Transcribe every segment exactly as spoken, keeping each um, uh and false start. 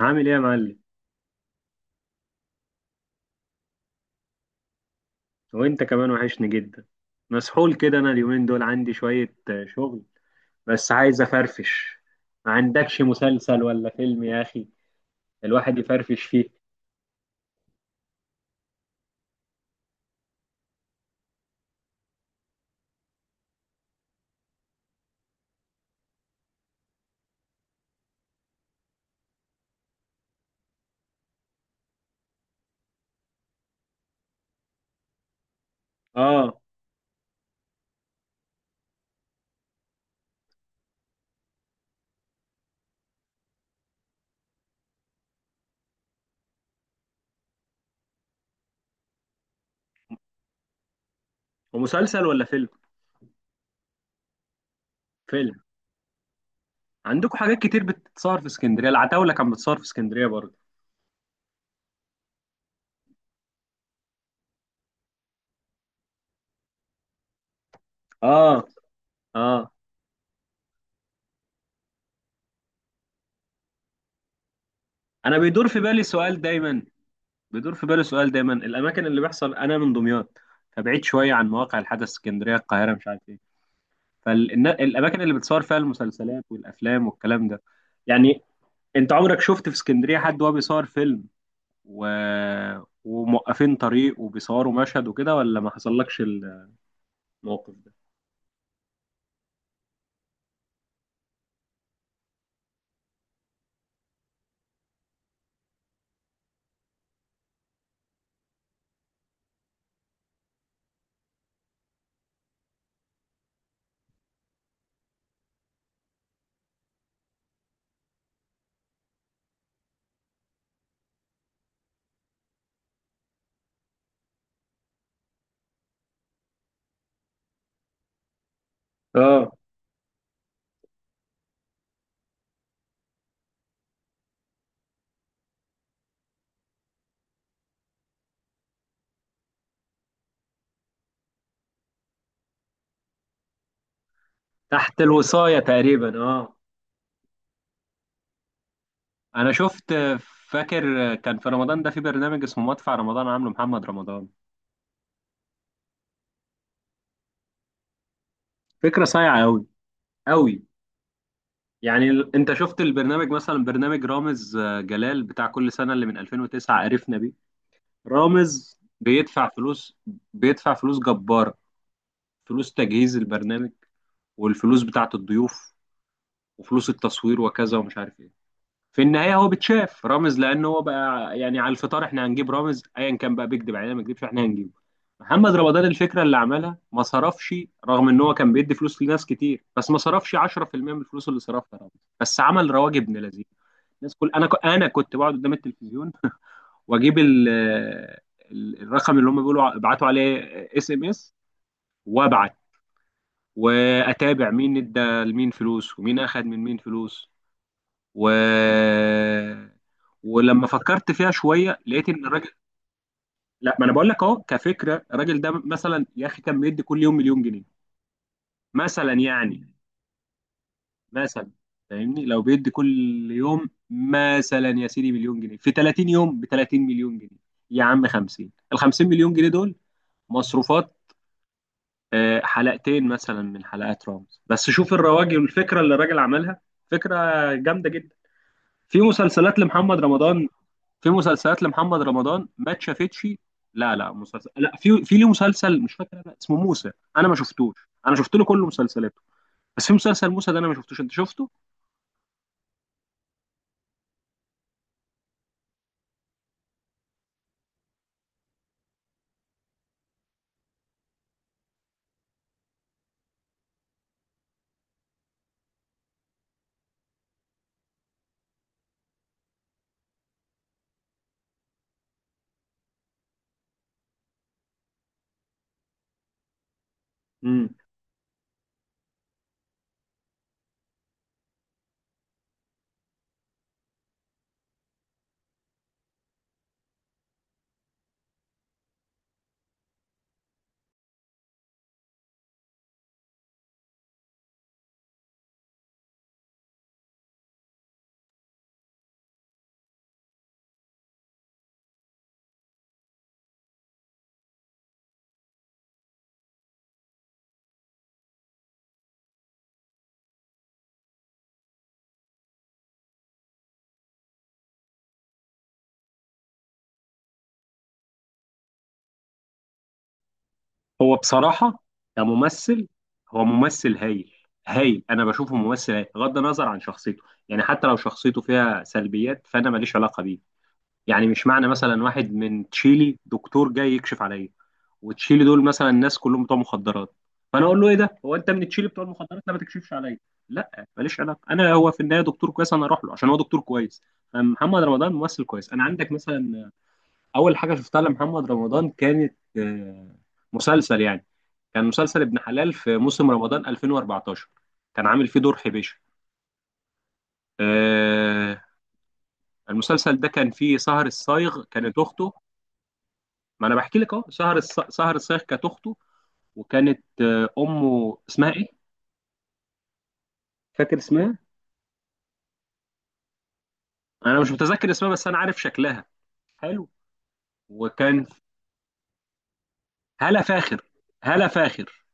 عامل ايه يا معلم؟ وانت كمان وحشني جدا. مسحول كده، انا اليومين دول عندي شوية آه، شغل. بس عايز افرفش. ما عندكش مسلسل ولا فيلم يا اخي الواحد يفرفش فيه؟ اه. ومسلسل ولا فيلم؟ فيلم. عندكم حاجات كتير بتتصور في اسكندرية، العتاولة كان بتصور في اسكندرية برضه. اه، اه. انا بيدور في بالي سؤال دايما، بيدور في بالي سؤال دايما الاماكن اللي بيحصل، انا من دمياط، فبعيد شوية عن مواقع الحدث، اسكندرية، القاهرة، مش عارف ايه، فالاماكن اللي بتصور فيها المسلسلات والافلام والكلام ده، يعني، انت عمرك شفت في اسكندريه حد وهو بيصور فيلم و... وموقفين طريق وبيصوروا مشهد وكده، ولا ما حصلكش الموقف ده؟ اه. تحت الوصايه تقريبا، اه. انا شفت، فاكر كان في رمضان ده في برنامج اسمه مدفع رمضان عامله محمد رمضان. فكره صايعه قوي قوي. يعني ال- انت شفت البرنامج، مثلا برنامج رامز آه، جلال بتاع كل سنه اللي من ألفين وتسعة قرفنا. رامز بيدفع فلوس، بيدفع فلوس جبارة، فلوس تجهيز البرنامج، والفلوس بتاعة الضيوف، وفلوس التصوير وكذا ومش عارف ايه. في النهاية هو بتشاف رامز، لأن هو بقى يعني على الفطار، احنا هنجيب رامز أيا كان بقى، بيكذب علينا ما بيكذبش، احنا هنجيبه. محمد رمضان الفكرة اللي عملها ما صرفش، رغم ان هو كان بيدي فلوس لناس كتير، بس ما صرفش عشرة في المئة من الفلوس اللي صرفها رامز. بس عمل رواج ابن لذيذ. الناس كل انا ك... انا كنت بقعد قدام التلفزيون واجيب ال ال- الرقم اللي هم بيقولوا ابعتوا عليه اس ام اس، وابعت، واتابع مين ادى لمين فلوس، ومين اخد من مين فلوس. و ولما فكرت فيها شويه لقيت ان الراجل، لا، ما انا بقول لك اهو كفكره. الراجل ده مثلا يا اخي كان بيدي كل يوم مليون جنيه، مثلا يعني، مثلا، فاهمني، لو بيدي كل يوم مثلا يا سيدي مليون جنيه في تلاتين يوم، ب تلاتين مليون جنيه، يا عم خمسين ال خمسين مليون جنيه دول مصروفات آه، حلقتين مثلا من حلقات رامز. بس شوف الرواج والفكره اللي الراجل عملها، فكره جامده جدا. في مسلسلات لمحمد رمضان، في مسلسلات لمحمد رمضان ما اتشافتش. لا لا مسلسل، لا، في في ليه مسلسل مش فاكر أنا اسمه موسى، انا ما شفتوش. انا شفت له كل مسلسلاته، بس في مسلسل موسى ده انا ما شفتوش، انت شفته؟ امم هو بصراحه كممثل، هو ممثل هايل. هايل، انا بشوفه ممثل هايل بغض النظر عن شخصيته. يعني حتى لو شخصيته فيها سلبيات، فانا ماليش علاقه بيه. يعني مش معنى مثلا واحد من تشيلي دكتور جاي يكشف عليا، وتشيلي دول مثلا الناس كلهم بتوع مخدرات، فانا اقول له ايه ده، هو انت من تشيلي بتوع المخدرات، لا ما تكشفش عليا. لا، ماليش علاقه انا، هو في النهايه دكتور كويس، انا اروح له عشان هو دكتور كويس. محمد رمضان ممثل كويس. انا عندك مثلا، اول حاجه شفتها لمحمد رمضان كانت آه، مسلسل يعني، كان مسلسل ابن حلال في موسم رمضان ألفين واربعتاشر، كان عامل فيه دور حبيشه. آه، المسلسل ده كان فيه سهر الصايغ كانت اخته. ما انا بحكي لك اهو، سهر الص... سهر الصايغ كانت اخته، وكانت آه، امه اسمها ايه؟ فاكر اسمها؟ انا مش متذكر اسمها بس انا عارف شكلها. حلو. وكان، هلا فاخر. هلا فاخر.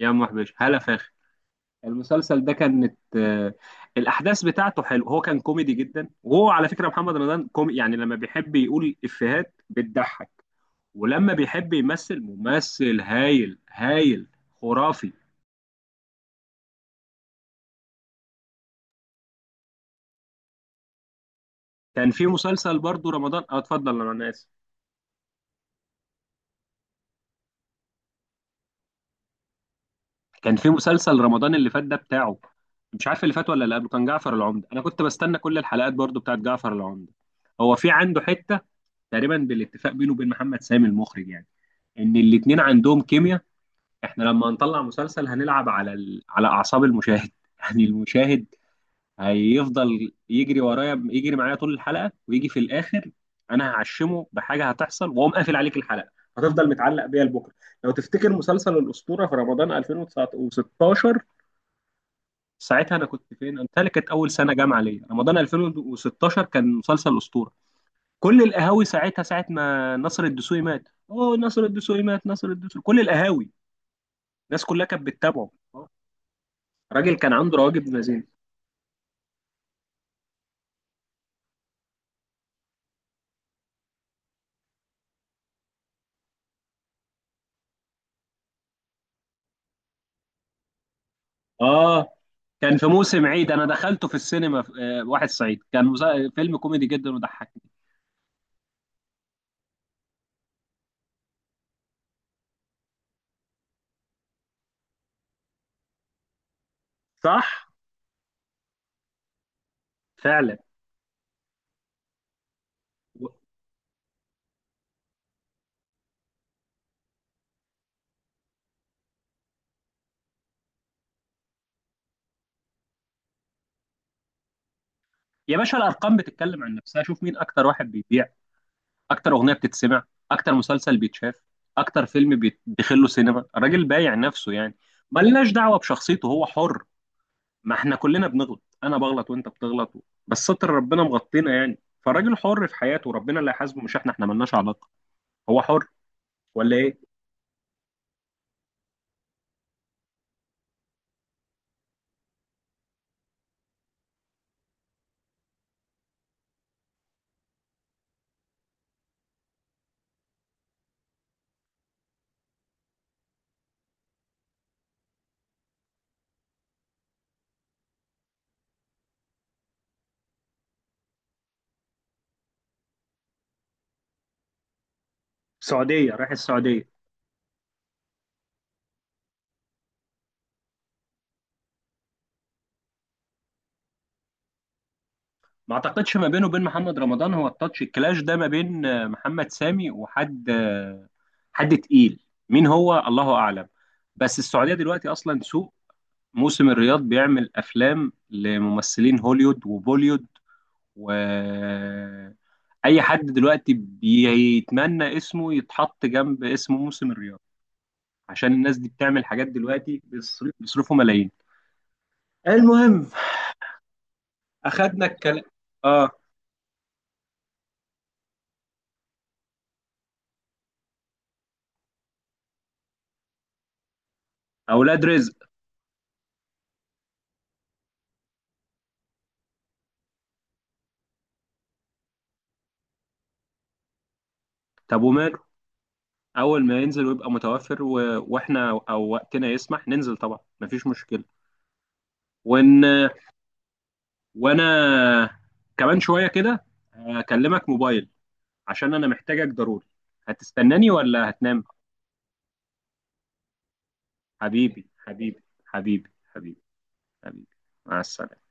يا ام وحبش، هلا فاخر. المسلسل ده كانت آه، الاحداث بتاعته حلو. هو كان كوميدي جدا، وهو على فكره محمد رمضان كومي، يعني لما بيحب يقول افيهات بتضحك، ولما بيحب يمثل، ممثل هايل هايل، خرافي. كان في مسلسل برضو رمضان، اه، اتفضل انا اسف. كان في مسلسل رمضان اللي فات ده بتاعه، مش عارف اللي فات ولا اللي قبله، كان جعفر العمدة. انا كنت بستنى كل الحلقات برضو بتاعت جعفر العمدة. هو في عنده حتة تقريبا بالاتفاق بينه وبين محمد سامي المخرج، يعني ان الاتنين عندهم كيمياء، احنا لما هنطلع مسلسل هنلعب على ال... على اعصاب المشاهد يعني المشاهد هيفضل يجري ورايا، يجري معايا طول الحلقة، ويجي في الاخر انا هعشمه بحاجة هتحصل، واقوم قافل عليك الحلقة، هتفضل متعلق بيها لبكره. لو تفتكر مسلسل الاسطوره في رمضان ألفين وتسعتاشر، ساعتها انا كنت فين؟ قلت لك كانت اول سنه جامعه ليا. رمضان ألفين وستاشر كان مسلسل اسطوره، كل القهاوي ساعتها ساعه ما نصر الدسوقي مات، اوه نصر الدسوقي مات، نصر الدسوقي، كل القهاوي الناس كلها كانت بتتابعه آه. راجل كان عنده رواجب مزين. اه. كان في موسم عيد انا دخلته في السينما في آه واحد صعيد، كان مسا- فيلم كوميدي جدا وضحكني. صح، فعلا. و- يا باشا الارقام بتتكلم عن نفسها، شوف مين اكتر واحد بيبيع، اكتر اغنيه بتتسمع، اكتر مسلسل بيتشاف، اكتر فيلم بيدخل له سينما. الراجل بايع نفسه يعني، ملناش دعوه بشخصيته، هو حر، ما احنا كلنا بنغلط، انا بغلط وانت بتغلط، بس ستر ربنا مغطينا يعني. فالراجل حر في حياته، ربنا اللي هيحاسبه مش احنا، احنا ملناش علاقه، هو حر، ولا ايه؟ السعوديه، رايح السعوديه. ما اعتقدش ما بينه وبين محمد رمضان، هو التاتش الكلاش ده ما بين آه، محمد سامي وحد آه، حد تقيل، مين هو الله اعلم. بس السعوديه دلوقتي اصلا سوق، موسم الرياض بيعمل افلام لممثلين هوليوود وبوليوود، و اي حد دلوقتي بيتمنى اسمه يتحط جنب اسم موسم الرياض، عشان الناس دي بتعمل حاجات دلوقتي، بيصرف- بيصرفوا ملايين. المهم، اخدنا الكلام. اه. اولاد رزق، طب وماله، اول ما ينزل ويبقى متوفر و... واحنا او وقتنا يسمح ننزل طبعا، مفيش مشكلة. وان وانا كمان شوية كده هكلمك موبايل، عشان انا محتاجك ضروري. هتستناني ولا هتنام؟ حبيبي حبيبي حبيبي حبيبي، حبيبي، مع السلامة.